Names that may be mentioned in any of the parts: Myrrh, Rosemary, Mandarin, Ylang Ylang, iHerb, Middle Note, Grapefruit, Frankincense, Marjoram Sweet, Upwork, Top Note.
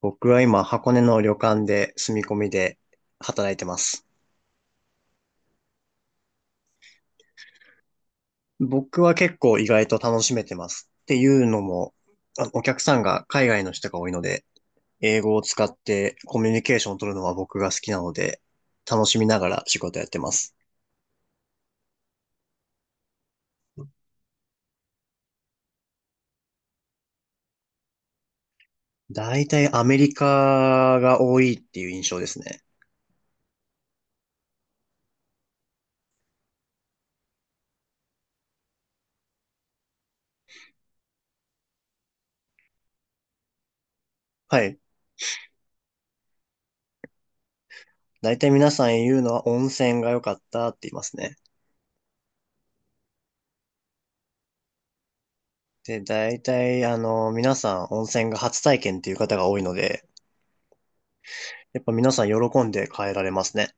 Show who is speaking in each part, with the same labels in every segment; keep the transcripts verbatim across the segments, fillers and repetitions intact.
Speaker 1: 僕は今、箱根の旅館で住み込みで働いてます。僕は結構意外と楽しめてます。っていうのも、あお客さんが海外の人が多いので、英語を使ってコミュニケーションを取るのは僕が好きなので、楽しみながら仕事やってます。大体アメリカが多いっていう印象ですね。はい。大体皆さん言うのは温泉が良かったって言いますね。で、大体あの、皆さん温泉が初体験っていう方が多いので、やっぱ皆さん喜んで変えられますね。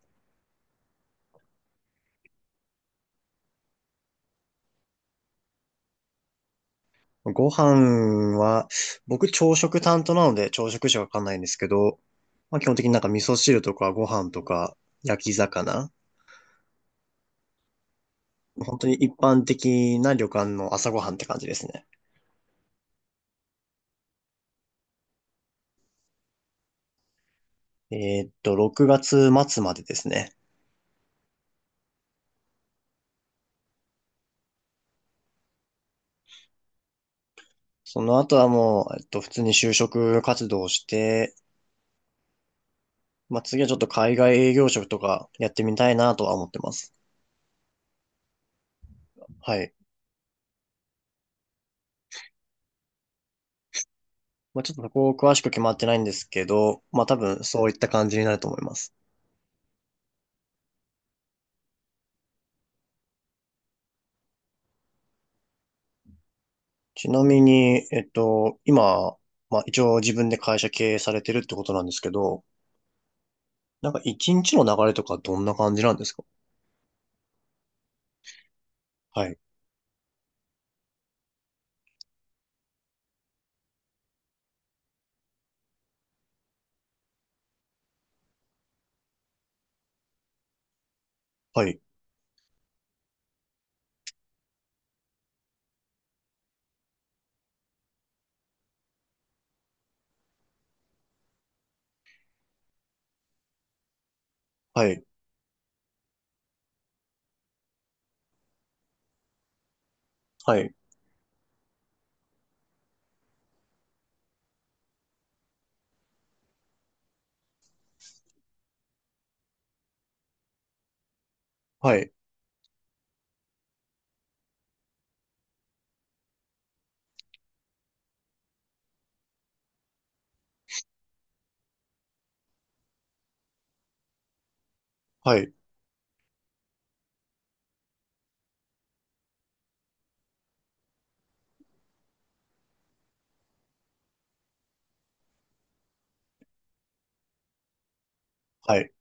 Speaker 1: ご飯は、僕朝食担当なので朝食しかわかんないんですけど、まあ、基本的になんか味噌汁とかご飯とか焼き魚。本当に一般的な旅館の朝ごはんって感じですね。えーっと、ろくがつ末までですね。その後はもう、えっと、普通に就職活動をして、まあ、次はちょっと海外営業職とかやってみたいなとは思ってます。はい。まあ、ちょっとそこ詳しく決まってないんですけど、まあ、多分そういった感じになると思います。ちなみに、えっと、今、まあ一応自分で会社経営されてるってことなんですけど、なんか一日の流れとかどんな感じなんですか？はい、はい、はい、はい、はい、はい、はい、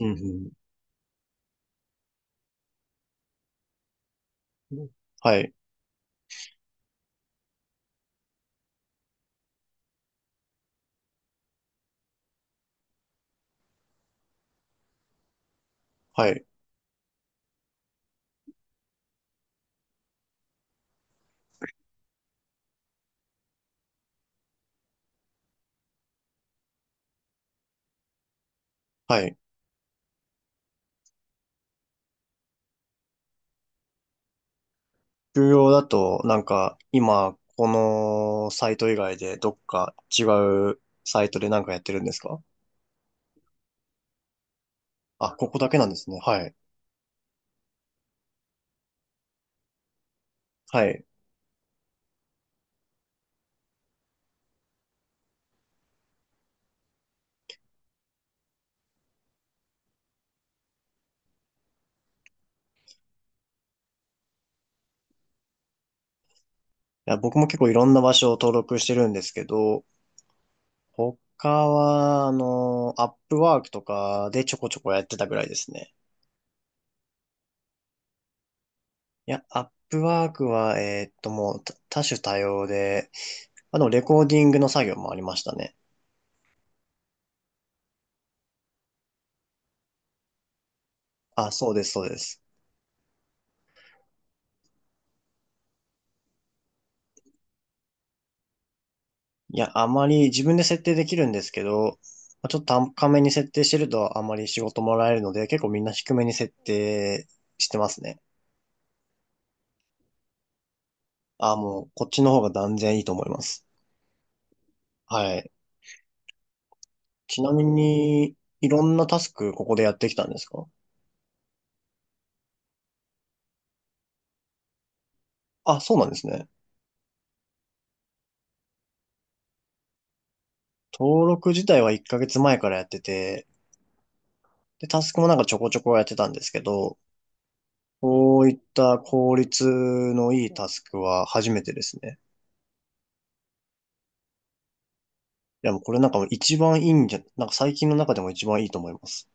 Speaker 1: うんうん、はい、はい、はい。重業だと、なんか今、このサイト以外でどっか違うサイトでなんかやってるんですか？あ、ここだけなんですね。はい、はい。いや、僕も結構いろんな場所を登録してるんですけど、他は、あの、アップワークとかでちょこちょこやってたぐらいですね。いや、アップワークは、えーっと、もうた多種多様で、あの、レコーディングの作業もありましたね。あ、そうです、そうです。いや、あまり自分で設定できるんですけど、まあちょっと高めに設定してるとあまり仕事もらえるので、結構みんな低めに設定してますね。あ、もうこっちの方が断然いいと思います。はい。ちなみに、いろんなタスクここでやってきたんですか？あ、そうなんですね。登録自体はいっかげつまえからやってて、で、タスクもなんかちょこちょこやってたんですけど、こういった効率のいいタスクは初めてですね。いや、もうこれなんかもう一番いいんじゃ、なんか最近の中でも一番いいと思います。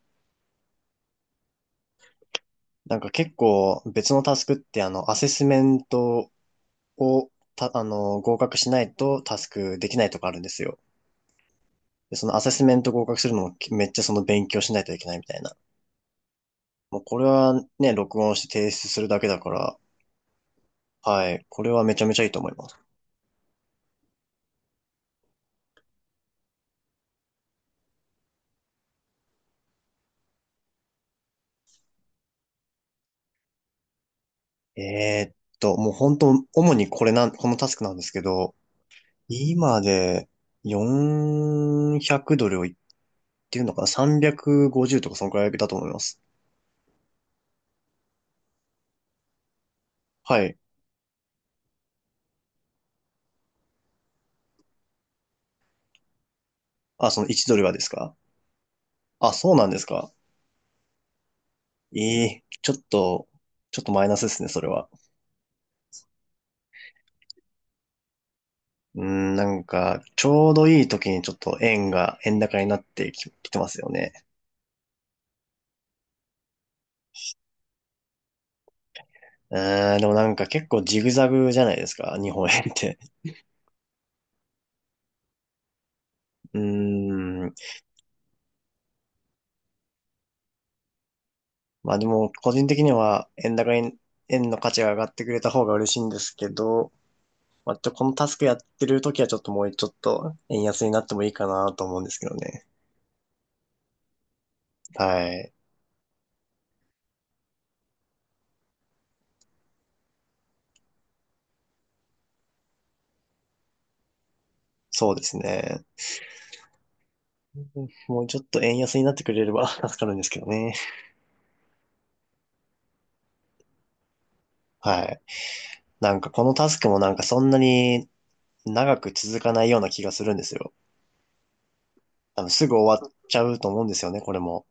Speaker 1: なんか結構別のタスクってあの、アセスメントをた、あの、合格しないとタスクできないとかあるんですよ。で、そのアセスメント合格するのもめっちゃその勉強しないといけないみたいな。もうこれはね、録音して提出するだけだから、はい、これはめちゃめちゃいいと思います。えーっと、もう本当、主にこれなん、このタスクなんですけど、今でよんひゃくドルを言ってるのかな？ さんびゃくごじゅう とかそのくらいだと思います。はい。あ、そのいちドルがですか？あ、そうなんですか？ええちょっと、ちょっとマイナスですね、それは。うーん、なんか、ちょうどいい時にちょっと円が、円高になってき、きてますよね。うーん、でもなんか結構ジグザグじゃないですか、日本円って。うーん、まあでも、個人的には円高に、円の価値が上がってくれた方が嬉しいんですけど、まあ、ちょ、このタスクやってる時はちょっともうちょっと円安になってもいいかなと思うんですけどね。はい。そうですね。もうちょっと円安になってくれれば 助かるんですけどね。はい。なんかこのタスクもなんかそんなに長く続かないような気がするんですよ。あの、すぐ終わっちゃうと思うんですよね、これも。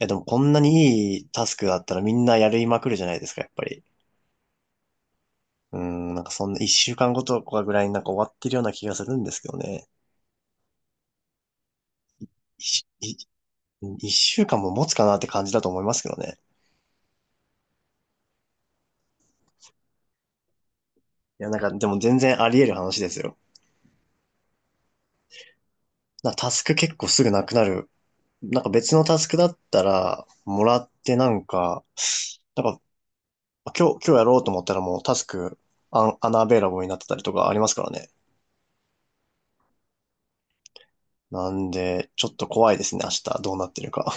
Speaker 1: え、でもこんなにいいタスクだったらみんなやりまくるじゃないですか、やっぱり。うん、なんかそんな一週間ごとかぐらいになんか終わってるような気がするんですけどね。一い一週間も持つかなって感じだと思いますけどね。いや、なんかでも全然あり得る話ですよ。な、タスク結構すぐなくなる。なんか別のタスクだったら、もらってなんか、なんか今日、今日やろうと思ったらもうタスクアン、アナベイラボになってたりとかありますからね。なんで、ちょっと怖いですね、明日どうなってるか。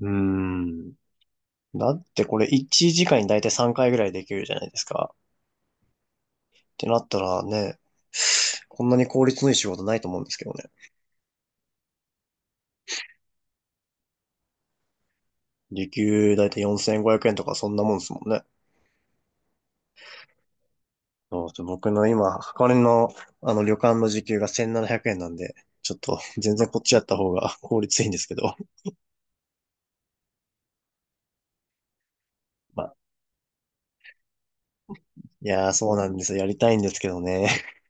Speaker 1: うーん。だってこれいちじかんにだいたいさんかいぐらいできるじゃないですか。ってなったらね、こんなに効率のいい仕事ないと思うんですけどね。時給だいたいよんせんごひゃくえんとかそんなもんですもんね。そうそう僕の今、箱根のあの旅館の時給がせんななひゃくえんななひゃくえんなんで、ちょっと 全然こっちやった方が 効率いいんですけど。まあ、いやーそうなんですよ。やりたいんですけどね。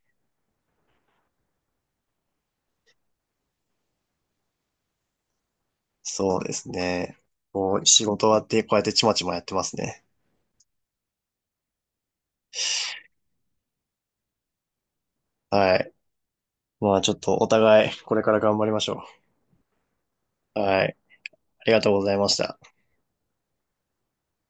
Speaker 1: そうですね。こう、仕事終わってこうやってちまちまやってますね。はい。まあちょっとお互いこれから頑張りましょう。はい。ありがとうございました。